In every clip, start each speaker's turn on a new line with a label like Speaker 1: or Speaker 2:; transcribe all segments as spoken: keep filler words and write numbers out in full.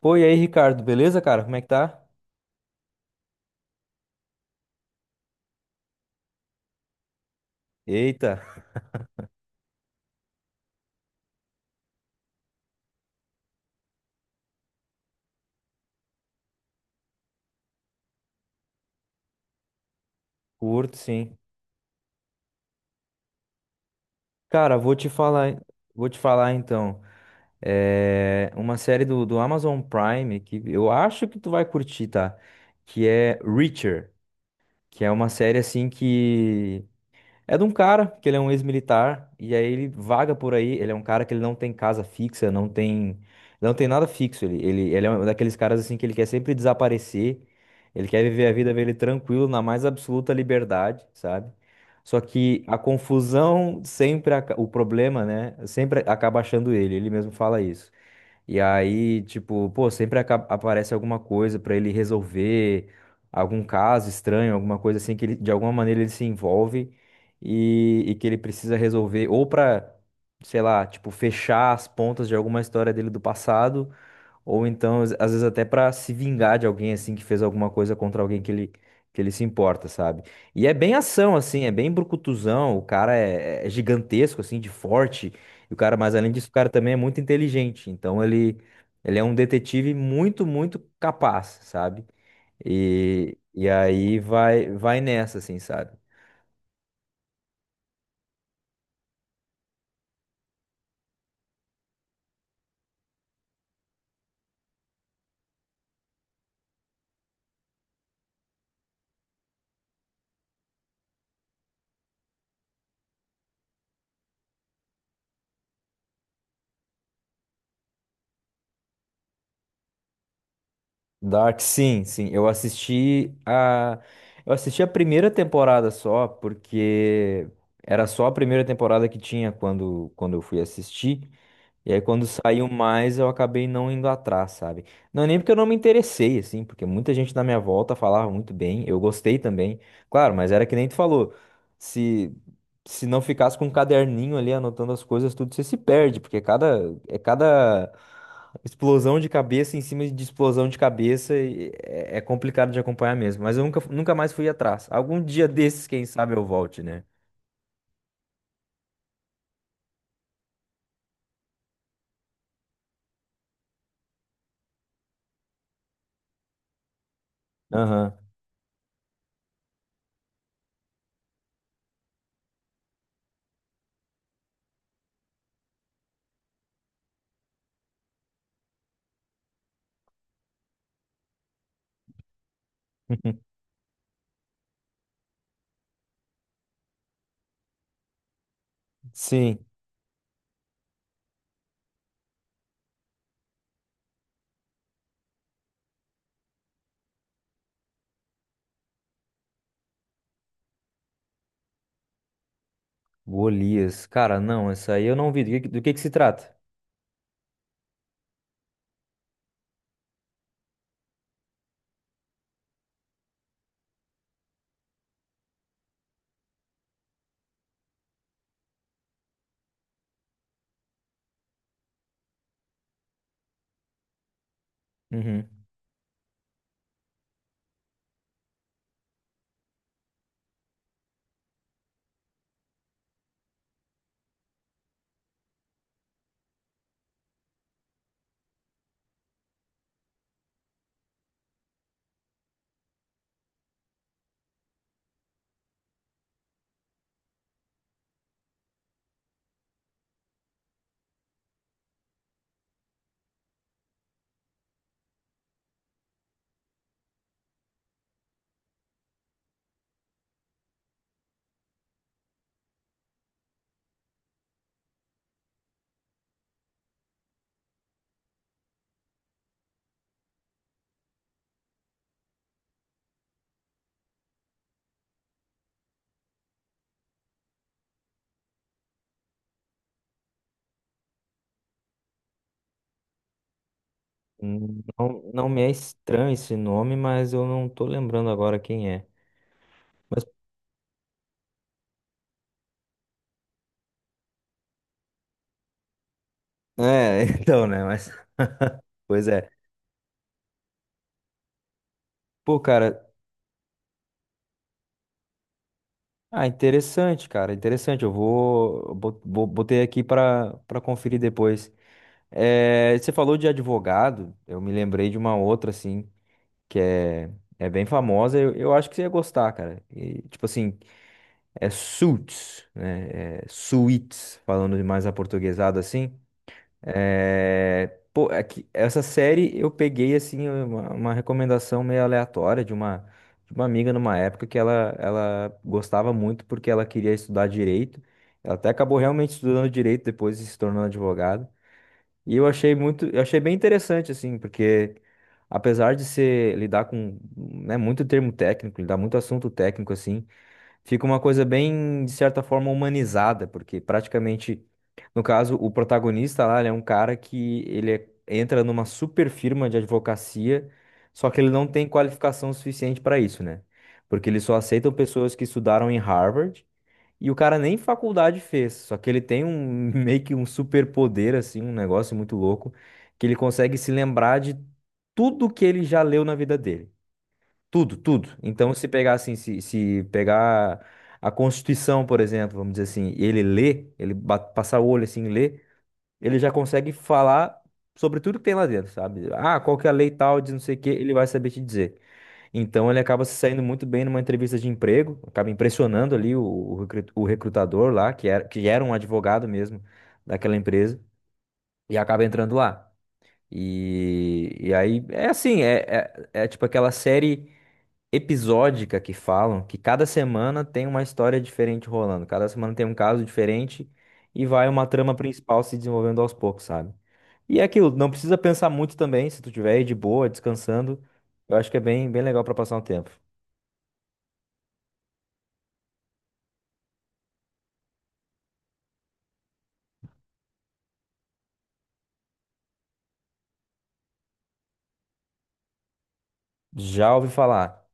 Speaker 1: Pô, e aí, Ricardo, beleza, cara? Como é que tá? Eita, curto, sim. Cara, vou te falar, vou te falar então. É uma série do, do Amazon Prime que eu acho que tu vai curtir, tá? Que é Reacher, que é uma série assim que é de um cara que ele é um ex-militar e aí ele vaga por aí. Ele é um cara que ele não tem casa fixa, não tem, não tem nada fixo. Ele, ele, ele é um daqueles caras assim que ele quer sempre desaparecer. Ele quer viver a vida dele tranquilo, na mais absoluta liberdade, sabe? Só que a confusão sempre, aca- o problema, né? Sempre acaba achando ele. Ele mesmo fala isso. E aí, tipo, pô, sempre aca- aparece alguma coisa pra ele resolver, algum caso estranho, alguma coisa assim que ele, de alguma maneira ele se envolve e, e que ele precisa resolver, ou pra, sei lá, tipo, fechar as pontas de alguma história dele do passado, ou então, às às vezes, até pra se vingar de alguém, assim, que fez alguma coisa contra alguém que ele, que ele se importa, sabe? E é bem ação, assim, é bem brucutuzão. O cara é, é é gigantesco, assim, de forte. E o cara, mas além disso, o cara também é muito inteligente. Então, ele, ele é um detetive muito, muito capaz, sabe? E, e aí vai, vai nessa, assim, sabe? Dark, sim, sim. Eu assisti a. Eu assisti a primeira temporada só, porque era só a primeira temporada que tinha quando, quando eu fui assistir. E aí, quando saiu mais, eu acabei não indo atrás, sabe? Não, é nem porque eu não me interessei, assim, porque muita gente na minha volta falava muito bem, eu gostei também. Claro, mas era que nem tu falou, se, se não ficasse com um caderninho ali anotando as coisas, tudo você se perde, porque é cada, é cada explosão de cabeça em cima de explosão de cabeça e é, é complicado de acompanhar mesmo. Mas eu nunca, nunca mais fui atrás. Algum dia desses, quem sabe eu volte, né? Aham. Sim. Golias. Cara, não, essa aí eu não vi. Do que, do que que se trata? Uhum. Hum, não, não me é estranho esse nome, mas eu não tô lembrando agora quem é. Mas, é, então, né? Mas, pois é. Pô, cara, ah, interessante, cara, interessante. Eu vou, bo- bo- botei aqui para para conferir depois. É, você falou de advogado, eu me lembrei de uma outra, assim, que é, é bem famosa. Eu, eu acho que você ia gostar, cara. E, tipo assim, é suits, né? É suits, falando de mais aportuguesado assim. É, pô, é que essa série eu peguei assim uma, uma recomendação meio aleatória de uma de uma amiga numa época que ela ela gostava muito porque ela queria estudar direito. Ela até acabou realmente estudando direito depois e se tornando advogada. E eu achei muito, eu achei bem interessante assim, porque apesar de ser lidar com, né, muito termo técnico, lidar muito assunto técnico assim, fica uma coisa bem, de certa forma, humanizada, porque praticamente, no caso, o protagonista lá, ele é um cara que ele é- entra numa super firma de advocacia, só que ele não tem qualificação suficiente para isso, né? Porque eles só aceitam pessoas que estudaram em Harvard e o cara nem faculdade fez, só que ele tem um meio que um superpoder assim, um negócio muito louco, que ele consegue se lembrar de tudo que ele já leu na vida dele. Tudo, tudo. Então, se pegar assim, se, se pegar a Constituição, por exemplo, vamos dizer assim, e ele lê, ele ba- passar o olho assim, e lê, ele já consegue falar sobre tudo que tem lá dentro, sabe? Ah, qual que é a lei tal de não sei o quê, ele vai saber te dizer. Então, ele acaba se saindo muito bem numa entrevista de emprego, acaba impressionando ali o, o recru- o recrutador lá, que era, que era um advogado mesmo daquela empresa, e acaba entrando lá. E, e aí, é assim, é, é é tipo aquela série episódica que falam, que cada semana tem uma história diferente rolando, cada semana tem um caso diferente e vai uma trama principal se desenvolvendo aos poucos, sabe? E é aquilo, não precisa pensar muito também, se tu tiver aí de boa, descansando, eu acho que é bem, bem legal pra passar um tempo. Já ouvi falar.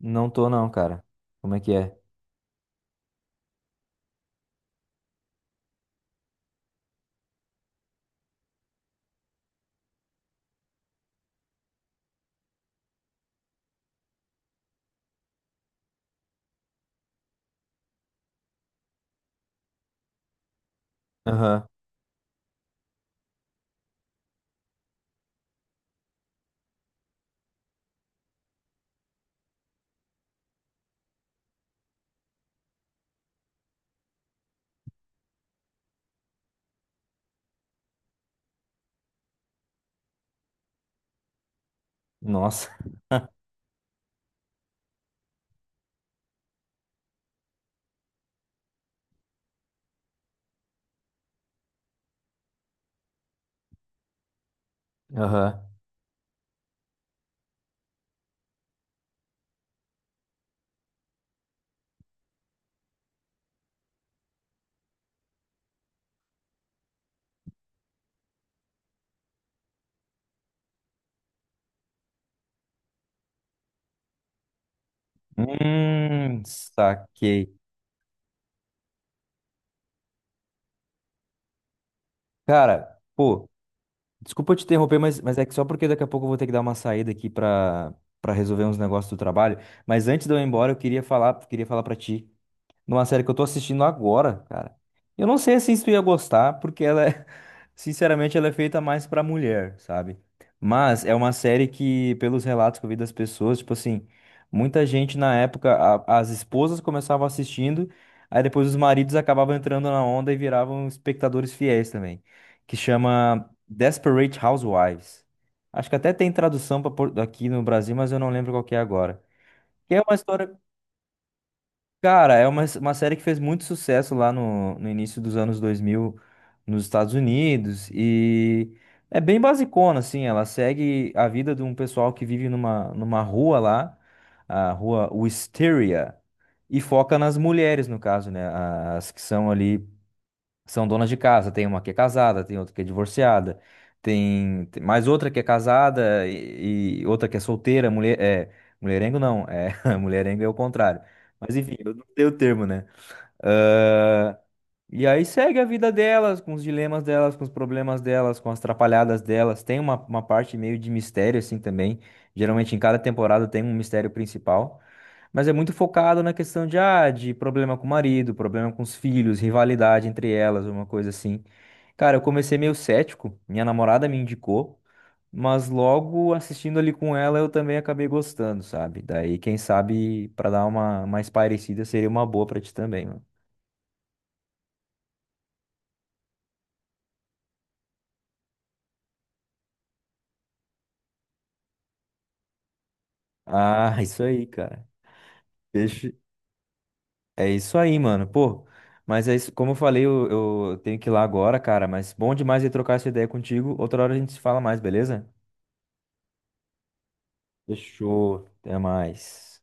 Speaker 1: Não tô não, cara. Como é que é? Aham. Nossa. Aham. Hum, saquei. Cara, pô, desculpa te interromper, mas, mas é que só porque daqui a pouco eu vou ter que dar uma saída aqui para para resolver uns negócios do trabalho. Mas antes de eu ir embora, eu queria falar, queria falar para ti numa série que eu tô assistindo agora, cara. Eu não sei assim se tu ia gostar, porque ela é, sinceramente, ela é feita mais pra mulher, sabe? Mas é uma série que, pelos relatos que eu vi das pessoas, tipo assim, muita gente na época, a- as esposas começavam assistindo, aí depois os maridos acabavam entrando na onda e viravam espectadores fiéis também, que chama Desperate Housewives. Acho que até tem tradução pra por- aqui no Brasil, mas eu não lembro qual que é agora. Que é uma história. Cara, é uma, uma série que fez muito sucesso lá no, no início dos anos dois mil nos Estados Unidos e é bem basicona, assim, ela segue a vida de um pessoal que vive numa, numa rua lá, a rua Wisteria, e foca nas mulheres, no caso, né, as que são ali são donas de casa. Tem uma que é casada, tem outra que é divorciada, tem, tem mais outra que é casada e, e outra que é solteira. Mulher, é, mulherengo não, é, mulherengo é o contrário. Mas enfim, eu não sei o termo, né? E aí segue a vida delas, com os dilemas delas, com os problemas delas, com as atrapalhadas delas. Tem uma, uma parte meio de mistério, assim, também. Geralmente em cada temporada tem um mistério principal. Mas é muito focado na questão de, ah, de problema com o marido, problema com os filhos, rivalidade entre elas, uma coisa assim. Cara, eu comecei meio cético, minha namorada me indicou, mas logo assistindo ali com ela eu também acabei gostando, sabe? Daí, quem sabe, pra dar uma mais parecida, seria uma boa pra ti também, mano. Ah, isso aí, cara. Deixa- é isso aí, mano. Pô, mas é isso, como eu falei, eu, eu tenho que ir lá agora, cara. Mas bom demais de trocar essa ideia contigo. Outra hora a gente se fala mais, beleza? Fechou. Até mais.